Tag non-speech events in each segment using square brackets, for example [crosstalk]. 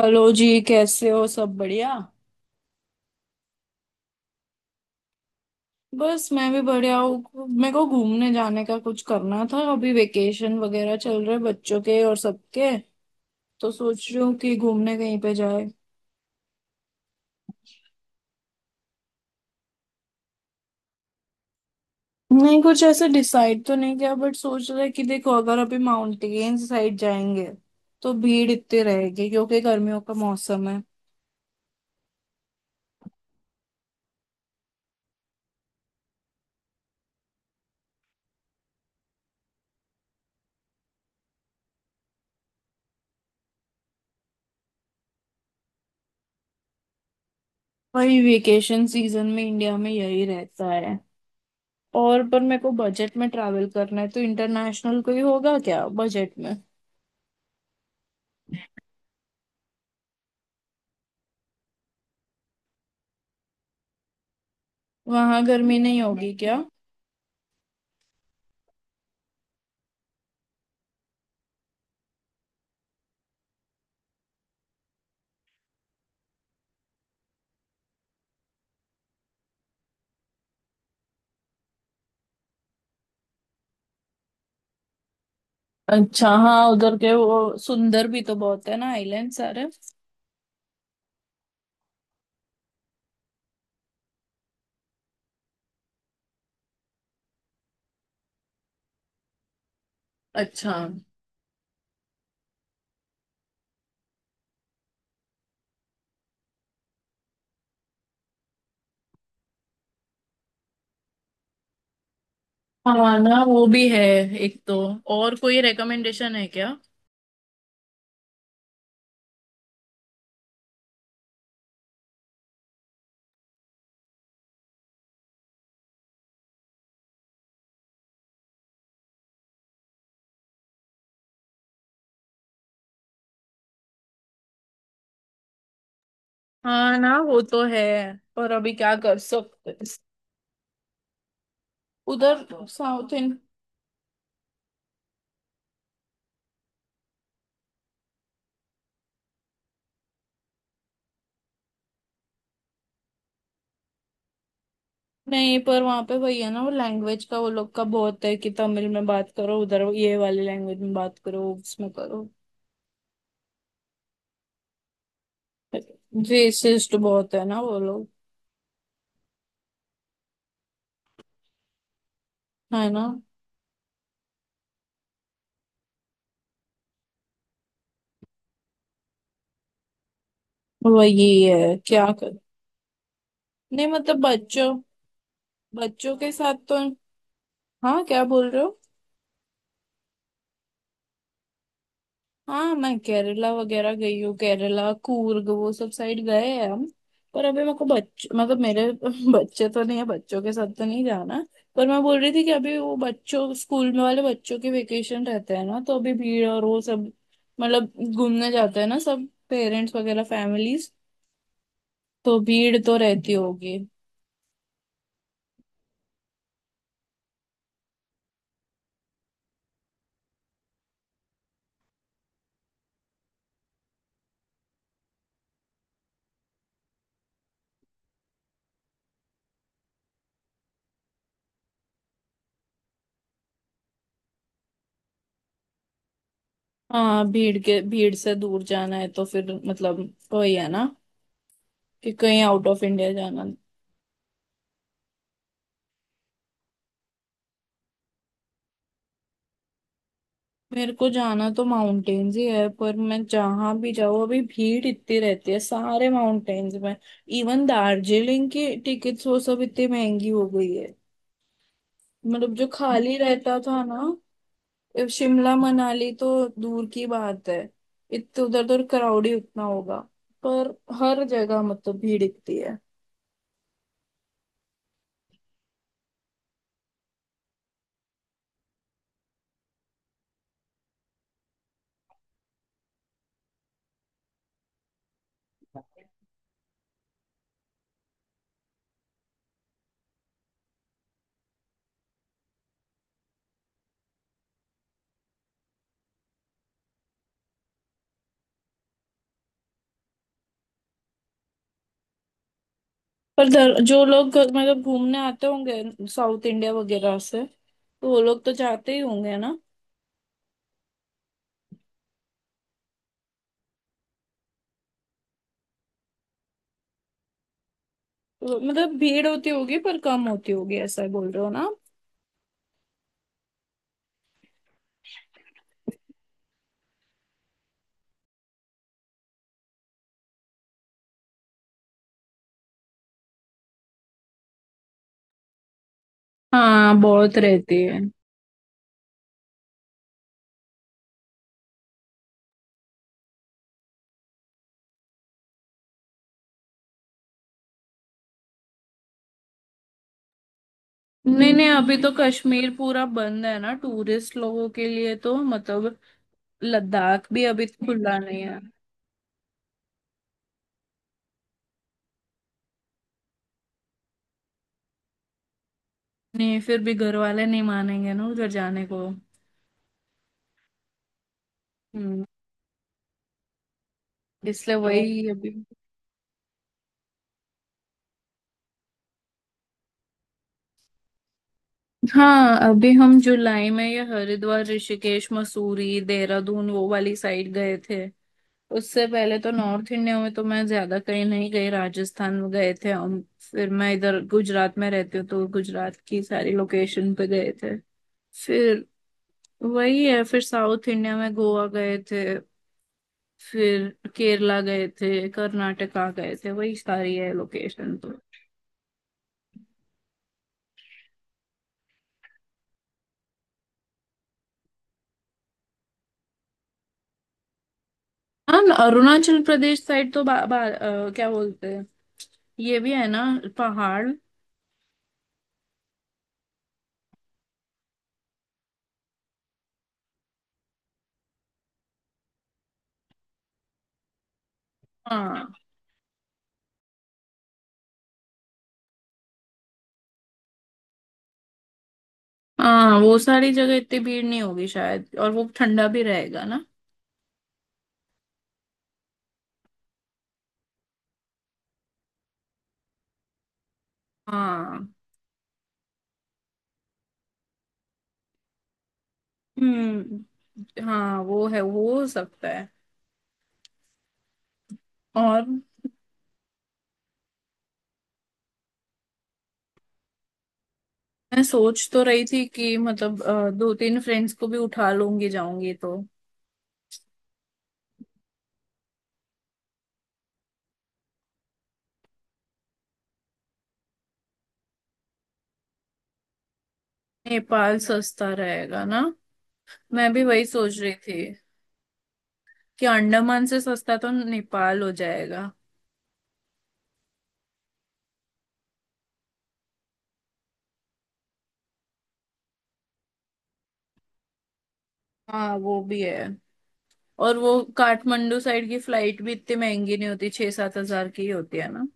Hello जी, कैसे हो? सब बढ़िया। बस मैं भी बढ़िया हूँ। मेरे को घूमने जाने का कुछ करना था। अभी वेकेशन वगैरह चल रहे बच्चों के और सबके। तो सोच रही हूँ कि घूमने कहीं पे जाए। नहीं, कुछ ऐसे डिसाइड तो नहीं किया बट सोच रहे कि देखो, अगर अभी माउंटेन साइड जाएंगे तो भीड़ इतनी रहेगी क्योंकि गर्मियों का मौसम है। वही वेकेशन सीजन में इंडिया में यही रहता है। और पर मेरे को बजट में ट्रैवल करना है, तो इंटरनेशनल कोई होगा क्या बजट में? वहां गर्मी नहीं होगी क्या? अच्छा। हाँ, उधर के वो सुंदर भी तो बहुत है ना आइलैंड सारे। अच्छा। हाँ ना, वो भी है। एक तो। और कोई रेकमेंडेशन है क्या? हाँ ना, वो तो है। पर अभी क्या कर सकते हैं। उधर साउथ इंड नहीं, पर वहां पे वही है ना, वो लैंग्वेज का, वो लोग का बहुत है कि तमिल में बात करो, उधर ये वाली लैंग्वेज में बात करो, उसमें करो। रेसिस्ट बहुत है ना वो लोग। है ना। वही है क्या? नहीं मतलब बच्चों बच्चों के साथ तो। हाँ, क्या बोल रहे हो? हाँ, मैं केरला वगैरह गई हूँ। केरला, कूर्ग वो सब साइड गए हैं हम। पर अभी मेरे को बच्चे मतलब मेरे [laughs] बच्चे तो नहीं है, बच्चों के साथ तो नहीं जाना। पर मैं बोल रही थी कि अभी वो बच्चों स्कूल में वाले बच्चों के वेकेशन रहते हैं ना, तो अभी भीड़ और वो सब। मतलब घूमने जाते हैं ना सब पेरेंट्स वगैरह फैमिलीज। तो भीड़ तो रहती होगी। हाँ, भीड़ से दूर जाना है तो फिर मतलब वही है ना, कि कहीं आउट ऑफ इंडिया जाना। मेरे को जाना तो माउंटेन्स ही है। पर मैं जहां भी जाऊँ अभी भीड़ इतनी रहती है सारे माउंटेन्स में। इवन दार्जिलिंग की टिकट्स वो सब इतनी महंगी हो गई है। मतलब जो खाली रहता था ना। शिमला मनाली तो दूर की बात है। इतने उधर उधर क्राउड ही उतना होगा। पर हर जगह मतलब भीड़ इतनी है। पर जो लोग मतलब घूमने आते होंगे साउथ इंडिया वगैरह से, तो वो लोग तो जाते ही होंगे ना। मतलब भीड़ होती होगी पर कम होती होगी, ऐसा बोल रहे हो ना आप? हाँ, बहुत रहती है। नहीं नहीं, अभी तो कश्मीर पूरा बंद है ना टूरिस्ट लोगों के लिए, तो मतलब लद्दाख भी अभी खुला नहीं है। नहीं, फिर भी घर वाले नहीं मानेंगे ना उधर जाने को। हम्म। इसलिए तो वही अभी। हाँ, अभी हम जुलाई में ये हरिद्वार, ऋषिकेश, मसूरी, देहरादून वो वाली साइड गए थे। उससे पहले तो नॉर्थ इंडिया में तो मैं ज्यादा कहीं नहीं गई। राजस्थान में गए थे, और फिर मैं इधर गुजरात में रहती हूँ, तो गुजरात की सारी लोकेशन पे गए थे। फिर वही है। फिर साउथ इंडिया में गोवा गए थे। फिर केरला गए थे, कर्नाटका गए थे, वही सारी है लोकेशन तो। हाँ, अरुणाचल प्रदेश साइड तो बा, बा, अ, क्या बोलते हैं, ये भी है ना, पहाड़। हाँ, हाँ वो सारी जगह इतनी भीड़ नहीं होगी शायद, और वो ठंडा भी रहेगा ना। हाँ, हम्म, हाँ, वो है, वो हो सकता है। और मैं सोच तो रही थी कि मतलब दो तीन फ्रेंड्स को भी उठा लूंगी जाऊंगी तो। नेपाल सस्ता रहेगा ना? मैं भी वही सोच रही थी कि अंडमान से सस्ता तो नेपाल हो जाएगा। हाँ, वो भी है। और वो काठमांडू साइड की फ्लाइट भी इतनी महंगी नहीं होती, 6-7 हजार की ही होती है ना।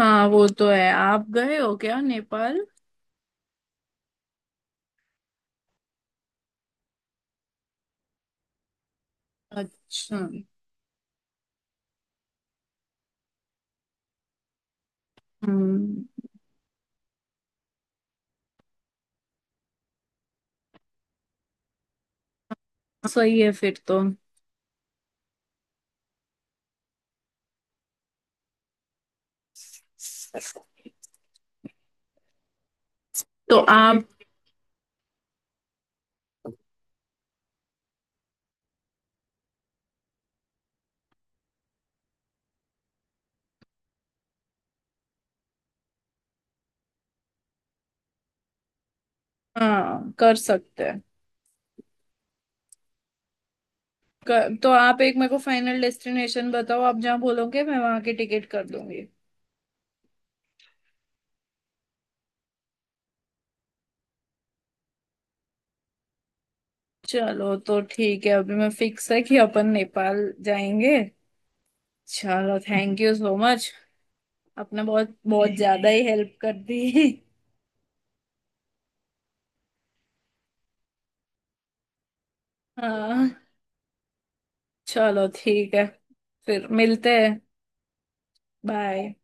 हाँ, वो तो है। आप गए हो क्या नेपाल? अच्छा। हम्म। सही है फिर तो। तो आप। हाँ, कर सकते हैं। तो आप एक मेरे को फाइनल डेस्टिनेशन बताओ, आप जहाँ बोलोगे मैं वहां की टिकट कर दूंगी। चलो तो ठीक है, अभी मैं फिक्स है कि अपन नेपाल जाएंगे। चलो, थैंक यू सो मच। आपने बहुत बहुत ज्यादा ही हेल्प कर दी। [laughs] हाँ। चलो ठीक है। फिर मिलते हैं। बाय।